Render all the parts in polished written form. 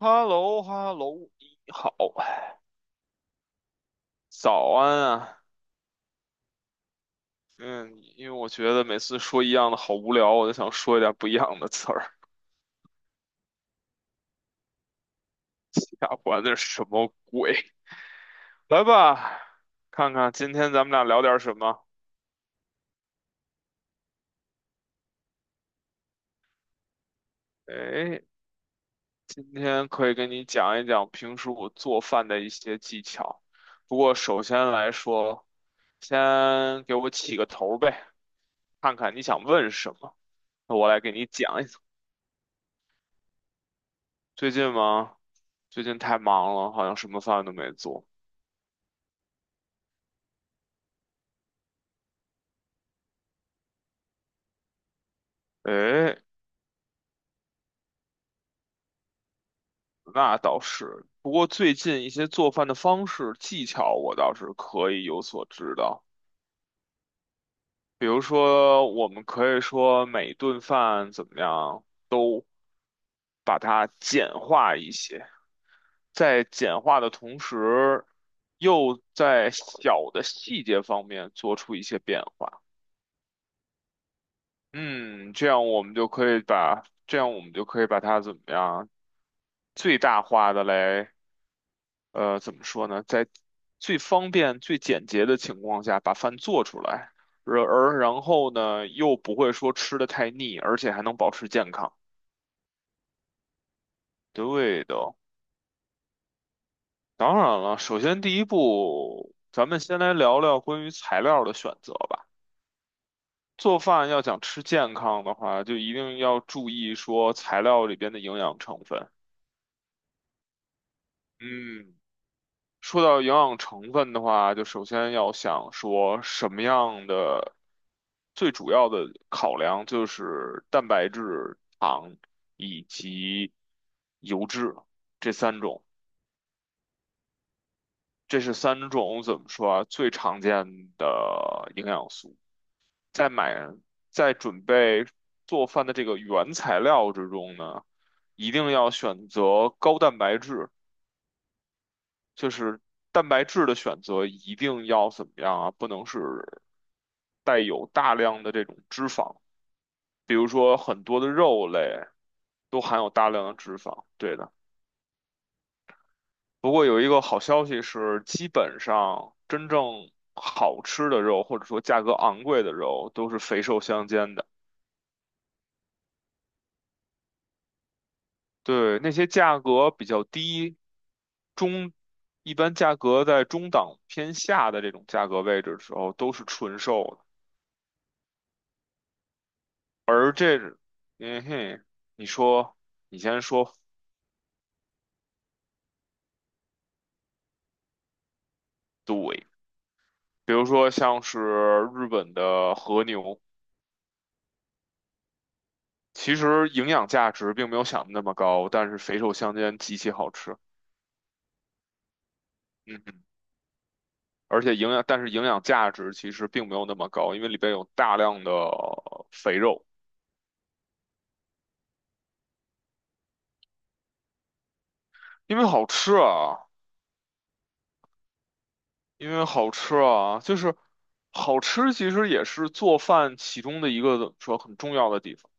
h e l l o h e l l o 你好，早安啊。嗯，因为我觉得每次说一样的好无聊，我就想说一点不一样的词儿。下管那是什么鬼？来吧，看看今天咱们俩聊点什么。哎，今天可以跟你讲一讲平时我做饭的一些技巧。不过首先来说，先给我起个头呗，看看你想问什么，那我来给你讲一讲。最近吗？最近太忙了，好像什么饭都没做。诶，那倒是。不过最近一些做饭的方式技巧，我倒是可以有所知道。比如说，我们可以说每顿饭怎么样把它简化一些，在简化的同时，又在小的细节方面做出一些变化。嗯，这样我们就可以把，这样我们就可以把它怎么样？最大化的来，怎么说呢，在最方便、最简洁的情况下把饭做出来，而然后呢，又不会说吃的太腻，而且还能保持健康。对的，当然了，首先第一步，咱们先来聊聊关于材料的选择吧。做饭要想吃健康的话，就一定要注意说材料里边的营养成分。嗯。说到营养成分的话，就首先要想说什么样的最主要的考量就是蛋白质、糖以及油脂这三种，这是三种怎么说啊？最常见的营养素。在买在准备做饭的这个原材料之中呢，一定要选择高蛋白质。就是蛋白质的选择一定要怎么样啊？不能是带有大量的这种脂肪，比如说很多的肉类都含有大量的脂肪，对的。不过有一个好消息是，基本上真正好吃的肉，或者说价格昂贵的肉，都是肥瘦相间的。对，那些价格比较低，中，一般价格在中档偏下的这种价格位置的时候，都是纯瘦的。而这，嗯哼，你说，你先说，对，比如说像是日本的和牛，其实营养价值并没有想的那么高，但是肥瘦相间，极其好吃。嗯哼，而且营养，但是营养价值其实并没有那么高，因为里边有大量的肥肉。因为好吃啊，因为好吃啊，就是好吃，其实也是做饭其中的一个说很重要的地方。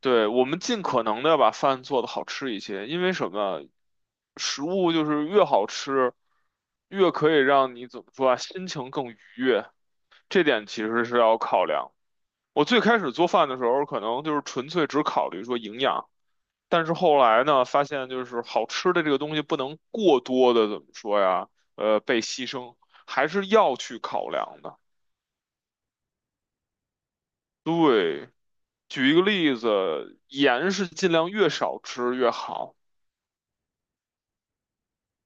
对，我们尽可能的要把饭做得好吃一些，因为什么？食物就是越好吃，越可以让你怎么说啊，心情更愉悦。这点其实是要考量。我最开始做饭的时候，可能就是纯粹只考虑说营养，但是后来呢，发现就是好吃的这个东西不能过多的怎么说呀，被牺牲，还是要去考量的。对，举一个例子，盐是尽量越少吃越好。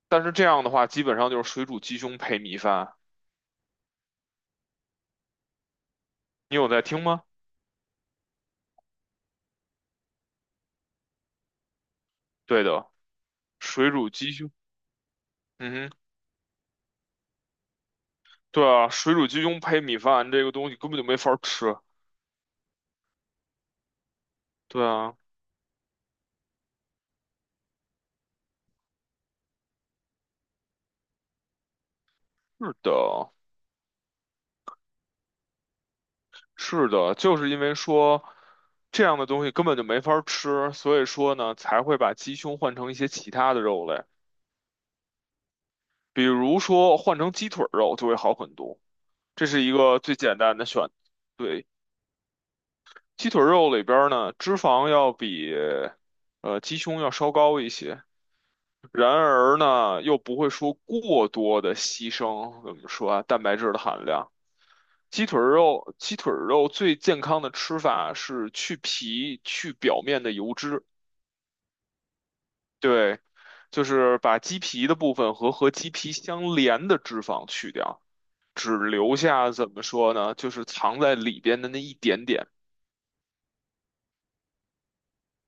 但是这样的话，基本上就是水煮鸡胸配米饭。你有在听吗？对的，水煮鸡胸，嗯哼，对啊，水煮鸡胸配米饭这个东西根本就没法儿吃。对啊，是的，是的，就是因为说这样的东西根本就没法儿吃，所以说呢，才会把鸡胸换成一些其他的肉类，比如说换成鸡腿儿肉就会好很多。这是一个最简单的选，对，鸡腿儿肉里边儿呢，脂肪要比鸡胸要稍高一些。然而呢，又不会说过多的牺牲，怎么说啊？蛋白质的含量，鸡腿儿肉，鸡腿儿肉最健康的吃法是去皮，去表面的油脂，对，就是把鸡皮的部分和鸡皮相连的脂肪去掉，只留下怎么说呢？就是藏在里边的那一点点。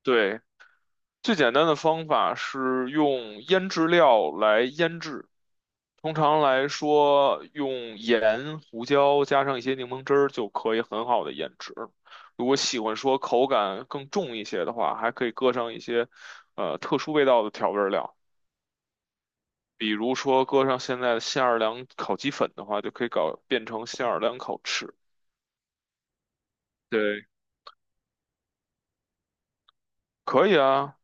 对，最简单的方法是用腌制料来腌制，通常来说用盐、胡椒加上一些柠檬汁儿就可以很好的腌制。如果喜欢说口感更重一些的话，还可以搁上一些特殊味道的调味儿料，比如说搁上现在的新奥尔良烤鸡粉的话，就可以搞变成新奥尔良烤翅。对，可以啊，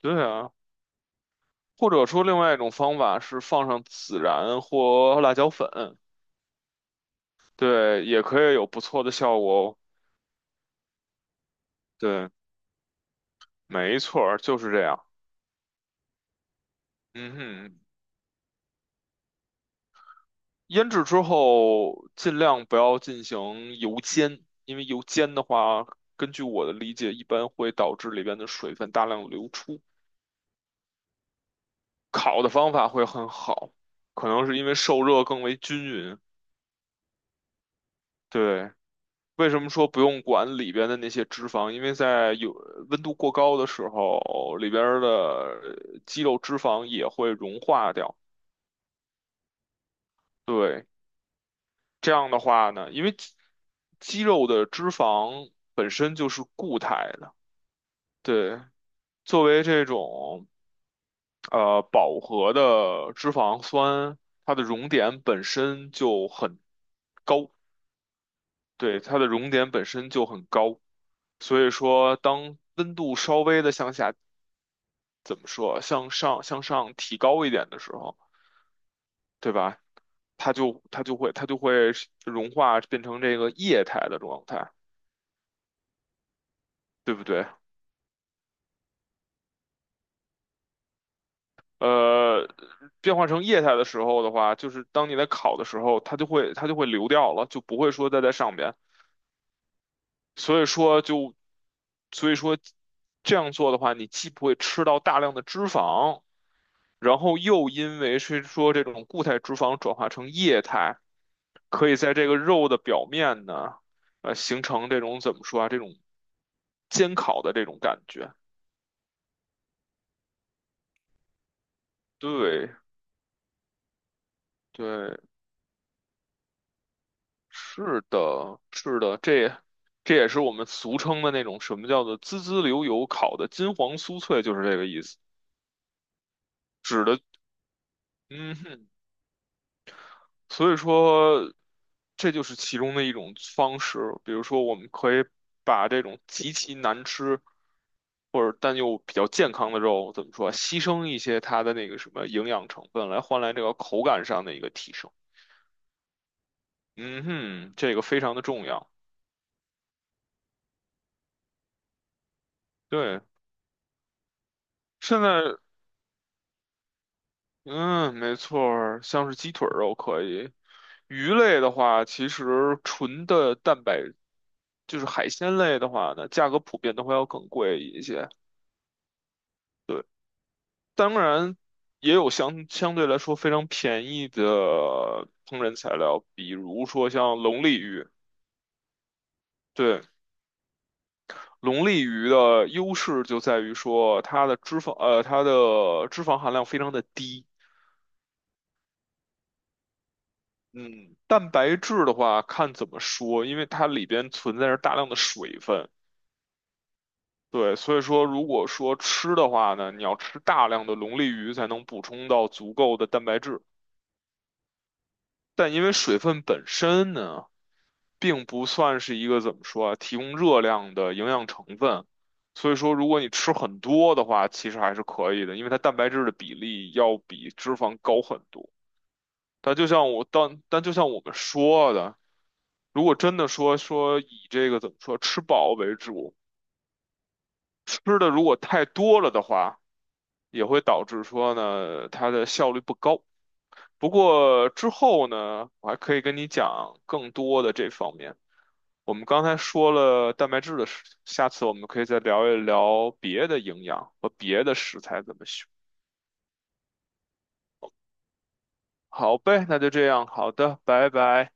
对啊，或者说另外一种方法是放上孜然或辣椒粉。对，也可以有不错的效果哦。对，没错儿，就是这样。嗯哼，腌制之后尽量不要进行油煎，因为油煎的话，根据我的理解，一般会导致里边的水分大量流出。烤的方法会很好，可能是因为受热更为均匀。对，为什么说不用管里边的那些脂肪？因为在有温度过高的时候，里边儿的肌肉脂肪也会融化掉。对。这样的话呢，因为肌肌肉的脂肪本身就是固态的，对，作为这种饱和的脂肪酸，它的熔点本身就很高，对，它的熔点本身就很高，所以说当温度稍微的向下，怎么说，向上提高一点的时候，对吧？它就会融化变成这个液态的状态，对不对？呃，变化成液态的时候的话，就是当你在烤的时候，它就会流掉了，就不会说再在上边。所以说就，所以说这样做的话，你既不会吃到大量的脂肪，然后又因为是说这种固态脂肪转化成液态，可以在这个肉的表面呢，形成这种怎么说啊，这种煎烤的这种感觉。对对，是的，是的，这也是我们俗称的那种什么叫做滋滋流油烤的金黄酥脆，就是这个意思，指的，嗯哼，所以说这就是其中的一种方式。比如说，我们可以把这种极其难吃或者但又比较健康的肉，怎么说啊，牺牲一些它的那个什么营养成分，来换来这个口感上的一个提升。嗯哼，这个非常的重要。对，现在。嗯，没错儿，像是鸡腿儿肉可以。鱼类的话，其实纯的蛋白就是海鲜类的话呢，价格普遍都会要更贵一些。当然，也有相对来说非常便宜的烹饪材料，比如说像龙利鱼。对，龙利鱼的优势就在于说它的脂肪，它的脂肪含量非常的低。嗯，蛋白质的话，看怎么说，因为它里边存在着大量的水分，对，所以说如果说吃的话呢，你要吃大量的龙利鱼才能补充到足够的蛋白质，但因为水分本身呢，并不算是一个怎么说啊，提供热量的营养成分，所以说如果你吃很多的话，其实还是可以的，因为它蛋白质的比例要比脂肪高很多。但就像我们说的。如果真的说以这个怎么说吃饱为主，吃的如果太多了的话，也会导致说呢它的效率不高。不过之后呢，我还可以跟你讲更多的这方面。我们刚才说了蛋白质的事情，下次我们可以再聊一聊别的营养和别的食材怎么选。好呗，那就这样，好的，拜拜。